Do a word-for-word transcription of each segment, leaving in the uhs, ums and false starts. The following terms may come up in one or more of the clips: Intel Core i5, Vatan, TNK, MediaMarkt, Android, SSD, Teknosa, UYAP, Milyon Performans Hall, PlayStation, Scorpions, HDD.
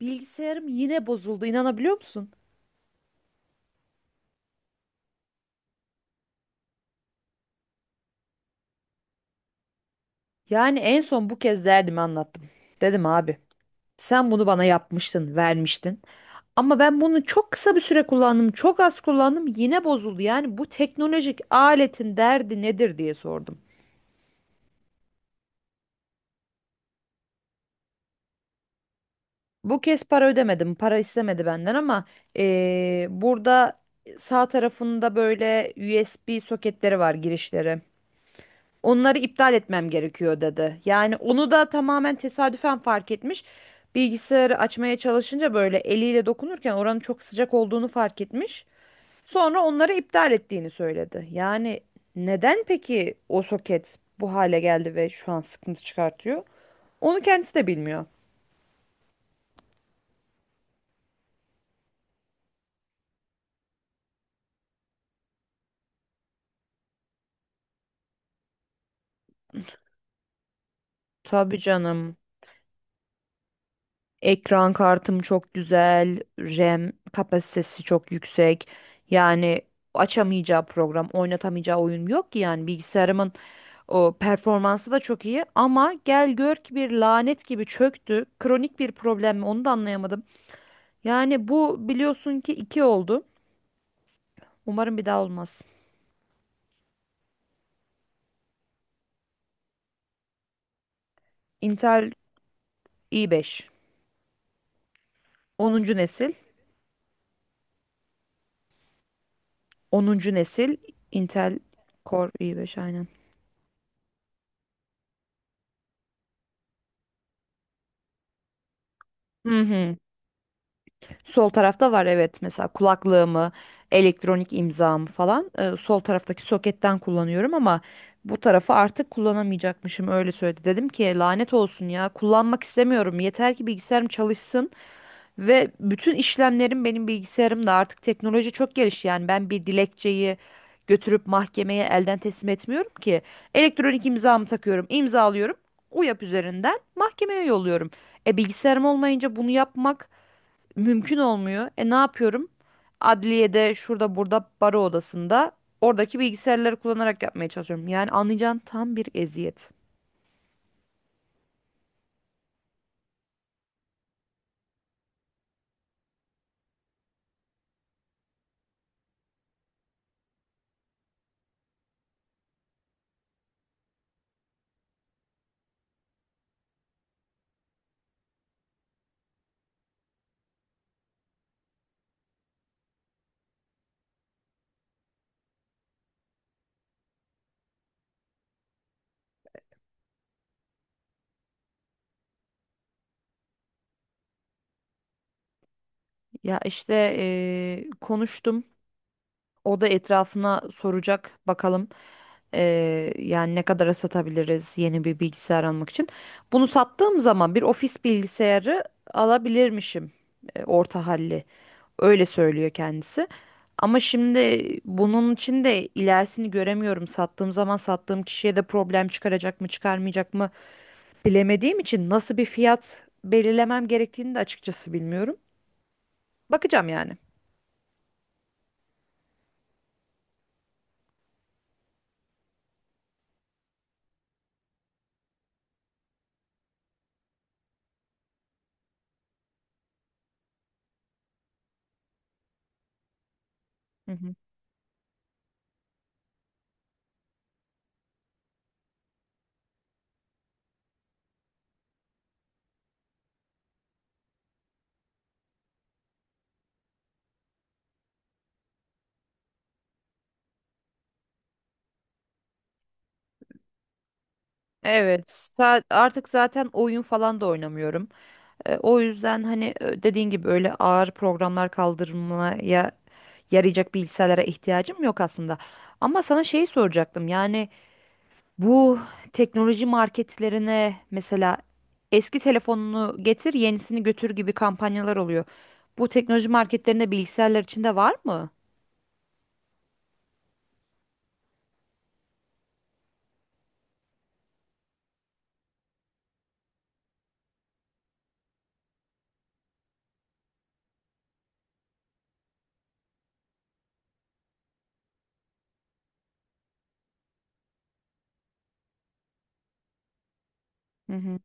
Bilgisayarım yine bozuldu, inanabiliyor musun? Yani en son bu kez derdimi anlattım. Dedim abi, sen bunu bana yapmıştın, vermiştin. Ama ben bunu çok kısa bir süre kullandım, çok az kullandım, yine bozuldu. Yani bu teknolojik aletin derdi nedir diye sordum. Bu kez para ödemedim, para istemedi benden, ama eee, burada sağ tarafında böyle U S B soketleri var, girişleri. Onları iptal etmem gerekiyor dedi. Yani onu da tamamen tesadüfen fark etmiş. Bilgisayarı açmaya çalışınca böyle eliyle dokunurken oranın çok sıcak olduğunu fark etmiş. Sonra onları iptal ettiğini söyledi. Yani neden peki o soket bu hale geldi ve şu an sıkıntı çıkartıyor? Onu kendisi de bilmiyor. Tabii canım. Ekran kartım çok güzel, RAM kapasitesi çok yüksek. Yani açamayacağı program, oynatamayacağı oyun yok ki yani bilgisayarımın. O performansı da çok iyi ama gel gör ki bir lanet gibi çöktü. Kronik bir problem mi, onu da anlayamadım. Yani bu, biliyorsun ki, iki oldu. Umarım bir daha olmaz. Intel i beş, onuncu nesil. Onuncu nesil Intel Core i beş, aynen. Hı hı. Sol tarafta var evet, mesela kulaklığımı, elektronik imzamı falan e, sol taraftaki soketten kullanıyorum, ama bu tarafı artık kullanamayacakmışım, öyle söyledi. Dedim ki lanet olsun ya, kullanmak istemiyorum, yeter ki bilgisayarım çalışsın ve bütün işlemlerim benim bilgisayarımda. Artık teknoloji çok gelişti, yani ben bir dilekçeyi götürüp mahkemeye elden teslim etmiyorum ki, elektronik imzamı takıyorum, imzalıyorum, UYAP üzerinden mahkemeye yolluyorum. E bilgisayarım olmayınca bunu yapmak mümkün olmuyor. E ne yapıyorum? Adliyede, şurada burada, baro odasında, oradaki bilgisayarları kullanarak yapmaya çalışıyorum. Yani anlayacağın tam bir eziyet. Ya işte eee, konuştum. O da etrafına soracak bakalım. Eee, yani ne kadara satabiliriz yeni bir bilgisayar almak için. Bunu sattığım zaman bir ofis bilgisayarı alabilirmişim. E, orta halli. Öyle söylüyor kendisi. Ama şimdi bunun için de ilerisini göremiyorum. Sattığım zaman sattığım kişiye de problem çıkaracak mı, çıkarmayacak mı bilemediğim için nasıl bir fiyat belirlemem gerektiğini de açıkçası bilmiyorum. Bakacağım yani. Hı hı. Evet, sa- artık zaten oyun falan da oynamıyorum. E, o yüzden hani, e, dediğin gibi, öyle ağır programlar kaldırmaya yarayacak bilgisayarlara ihtiyacım yok aslında. Ama sana şeyi soracaktım. Yani bu teknoloji marketlerine mesela "eski telefonunu getir, yenisini götür" gibi kampanyalar oluyor. Bu teknoloji marketlerinde bilgisayarlar için de var mı? Hı hı.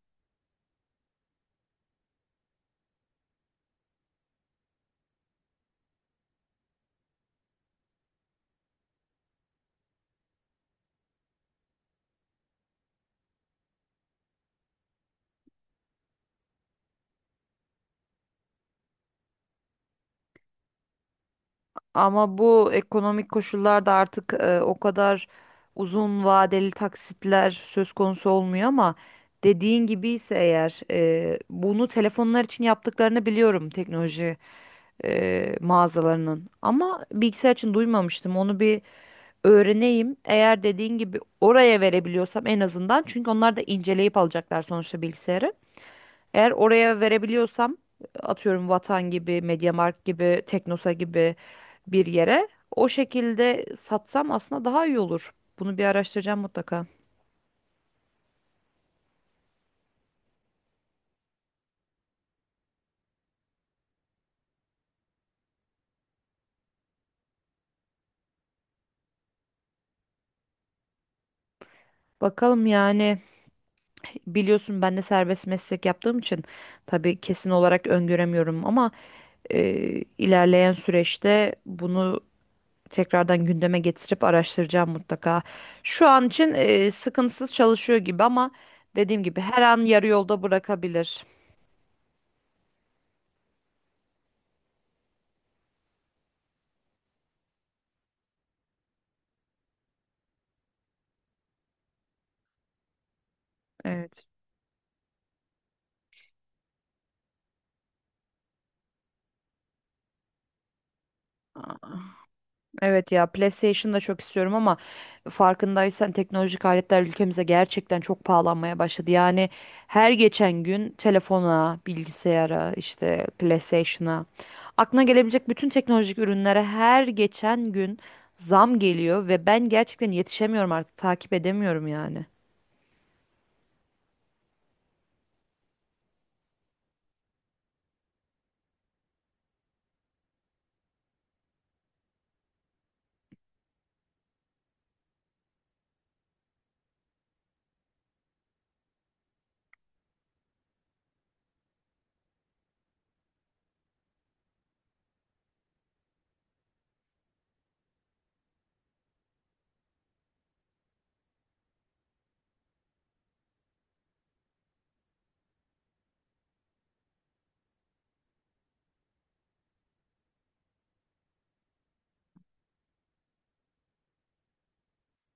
Ama bu ekonomik koşullarda artık e, o kadar uzun vadeli taksitler söz konusu olmuyor, ama dediğin gibi ise eğer, e, bunu telefonlar için yaptıklarını biliyorum teknoloji e, mağazalarının. Ama bilgisayar için duymamıştım. Onu bir öğreneyim. Eğer dediğin gibi oraya verebiliyorsam, en azından, çünkü onlar da inceleyip alacaklar sonuçta bilgisayarı. Eğer oraya verebiliyorsam, atıyorum Vatan gibi, MediaMarkt gibi, Teknosa gibi bir yere o şekilde satsam aslında daha iyi olur. Bunu bir araştıracağım mutlaka. Bakalım yani, biliyorsun ben de serbest meslek yaptığım için tabii kesin olarak öngöremiyorum, ama e, ilerleyen süreçte bunu tekrardan gündeme getirip araştıracağım mutlaka. Şu an için e, sıkıntısız çalışıyor gibi, ama dediğim gibi her an yarı yolda bırakabilir. Evet. Aa, evet ya, PlayStation da çok istiyorum ama, farkındaysan, teknolojik aletler ülkemize gerçekten çok pahalanmaya başladı. Yani her geçen gün telefona, bilgisayara, işte PlayStation'a, aklına gelebilecek bütün teknolojik ürünlere her geçen gün zam geliyor ve ben gerçekten yetişemiyorum, artık takip edemiyorum yani.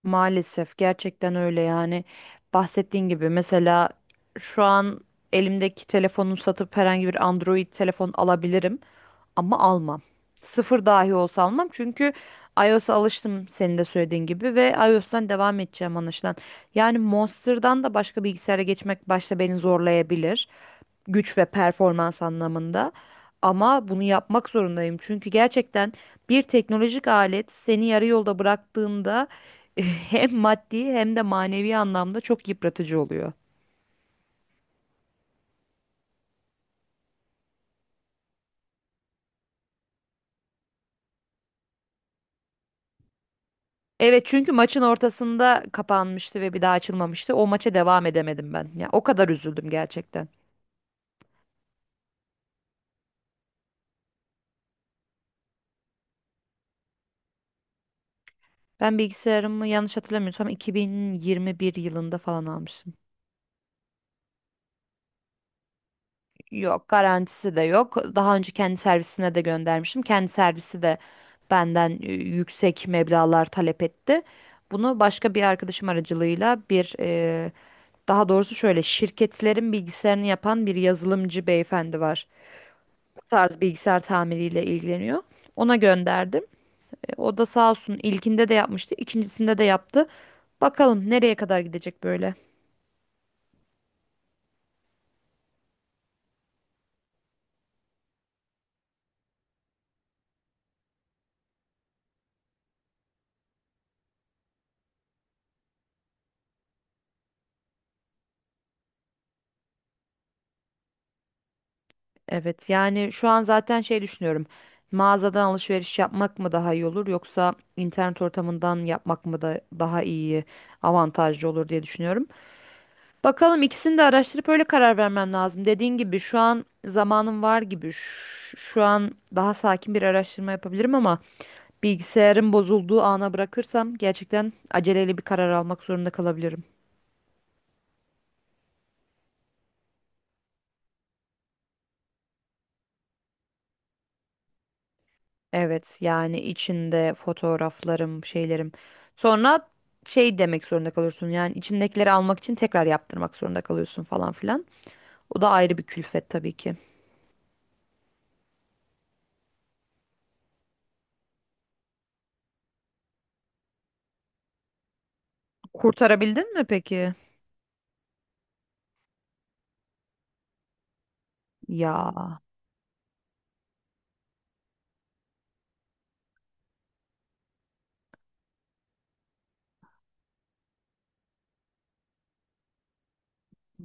Maalesef gerçekten öyle, yani bahsettiğin gibi. Mesela şu an elimdeki telefonu satıp herhangi bir Android telefon alabilirim, ama almam. Sıfır dahi olsa almam, çünkü iOS'a alıştım, senin de söylediğin gibi, ve iOS'tan devam edeceğim anlaşılan. Yani Monster'dan da başka bilgisayara geçmek başta beni zorlayabilir güç ve performans anlamında. Ama bunu yapmak zorundayım, çünkü gerçekten bir teknolojik alet seni yarı yolda bıraktığında hem maddi hem de manevi anlamda çok yıpratıcı oluyor. Evet, çünkü maçın ortasında kapanmıştı ve bir daha açılmamıştı. O maça devam edemedim ben. Ya o kadar üzüldüm gerçekten. Ben bilgisayarımı, yanlış hatırlamıyorsam, iki bin yirmi bir yılında falan almıştım. Yok, garantisi de yok. Daha önce kendi servisine de göndermiştim. Kendi servisi de benden e, yüksek meblağlar talep etti. Bunu başka bir arkadaşım aracılığıyla bir... Daha doğrusu, şöyle, şirketlerin bilgisayarını yapan bir yazılımcı beyefendi var. Bu tarz bilgisayar tamiriyle ilgileniyor. Ona gönderdim. E, o da sağ olsun, ilkinde de yapmıştı, ikincisinde de yaptı. Bakalım nereye kadar gidecek böyle. Evet, yani şu an zaten şey düşünüyorum. Mağazadan alışveriş yapmak mı daha iyi olur, yoksa internet ortamından yapmak mı da daha iyi, avantajlı olur diye düşünüyorum. Bakalım, ikisini de araştırıp öyle karar vermem lazım. Dediğin gibi şu an zamanım var gibi. Ş- Şu an daha sakin bir araştırma yapabilirim, ama bilgisayarın bozulduğu ana bırakırsam gerçekten aceleyle bir karar almak zorunda kalabilirim. Evet, yani içinde fotoğraflarım, şeylerim. Sonra şey demek zorunda kalıyorsun. Yani içindekileri almak için tekrar yaptırmak zorunda kalıyorsun falan filan. O da ayrı bir külfet tabii ki. Kurtarabildin mi peki? Ya,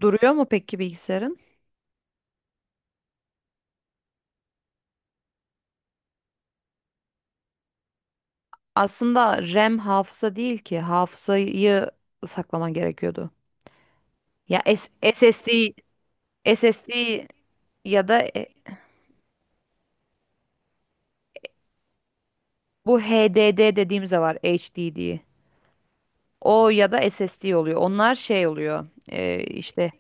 duruyor mu peki bilgisayarın? Aslında RAM hafıza değil ki. Hafızayı saklaman gerekiyordu. Ya S- SSD, S S D, ya da e, bu HDD dediğimiz de var, H D diye. O ya da S S D oluyor. Onlar şey oluyor, e, işte.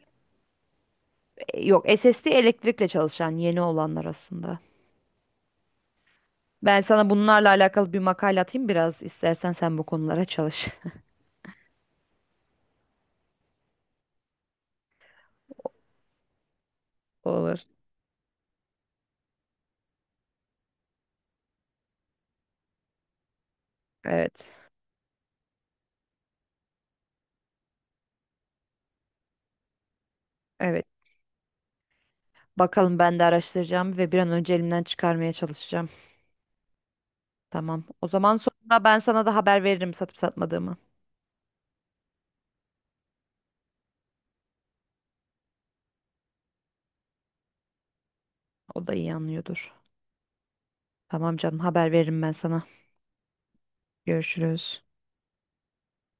E, yok, S S D elektrikle çalışan yeni olanlar aslında. Ben sana bunlarla alakalı bir makale atayım, biraz istersen sen bu konulara çalış. Olur. Evet. Evet, bakalım, ben de araştıracağım ve bir an önce elimden çıkarmaya çalışacağım. Tamam. O zaman sonra ben sana da haber veririm satıp satmadığımı. O da iyi anlıyordur. Tamam canım, haber veririm ben sana. Görüşürüz.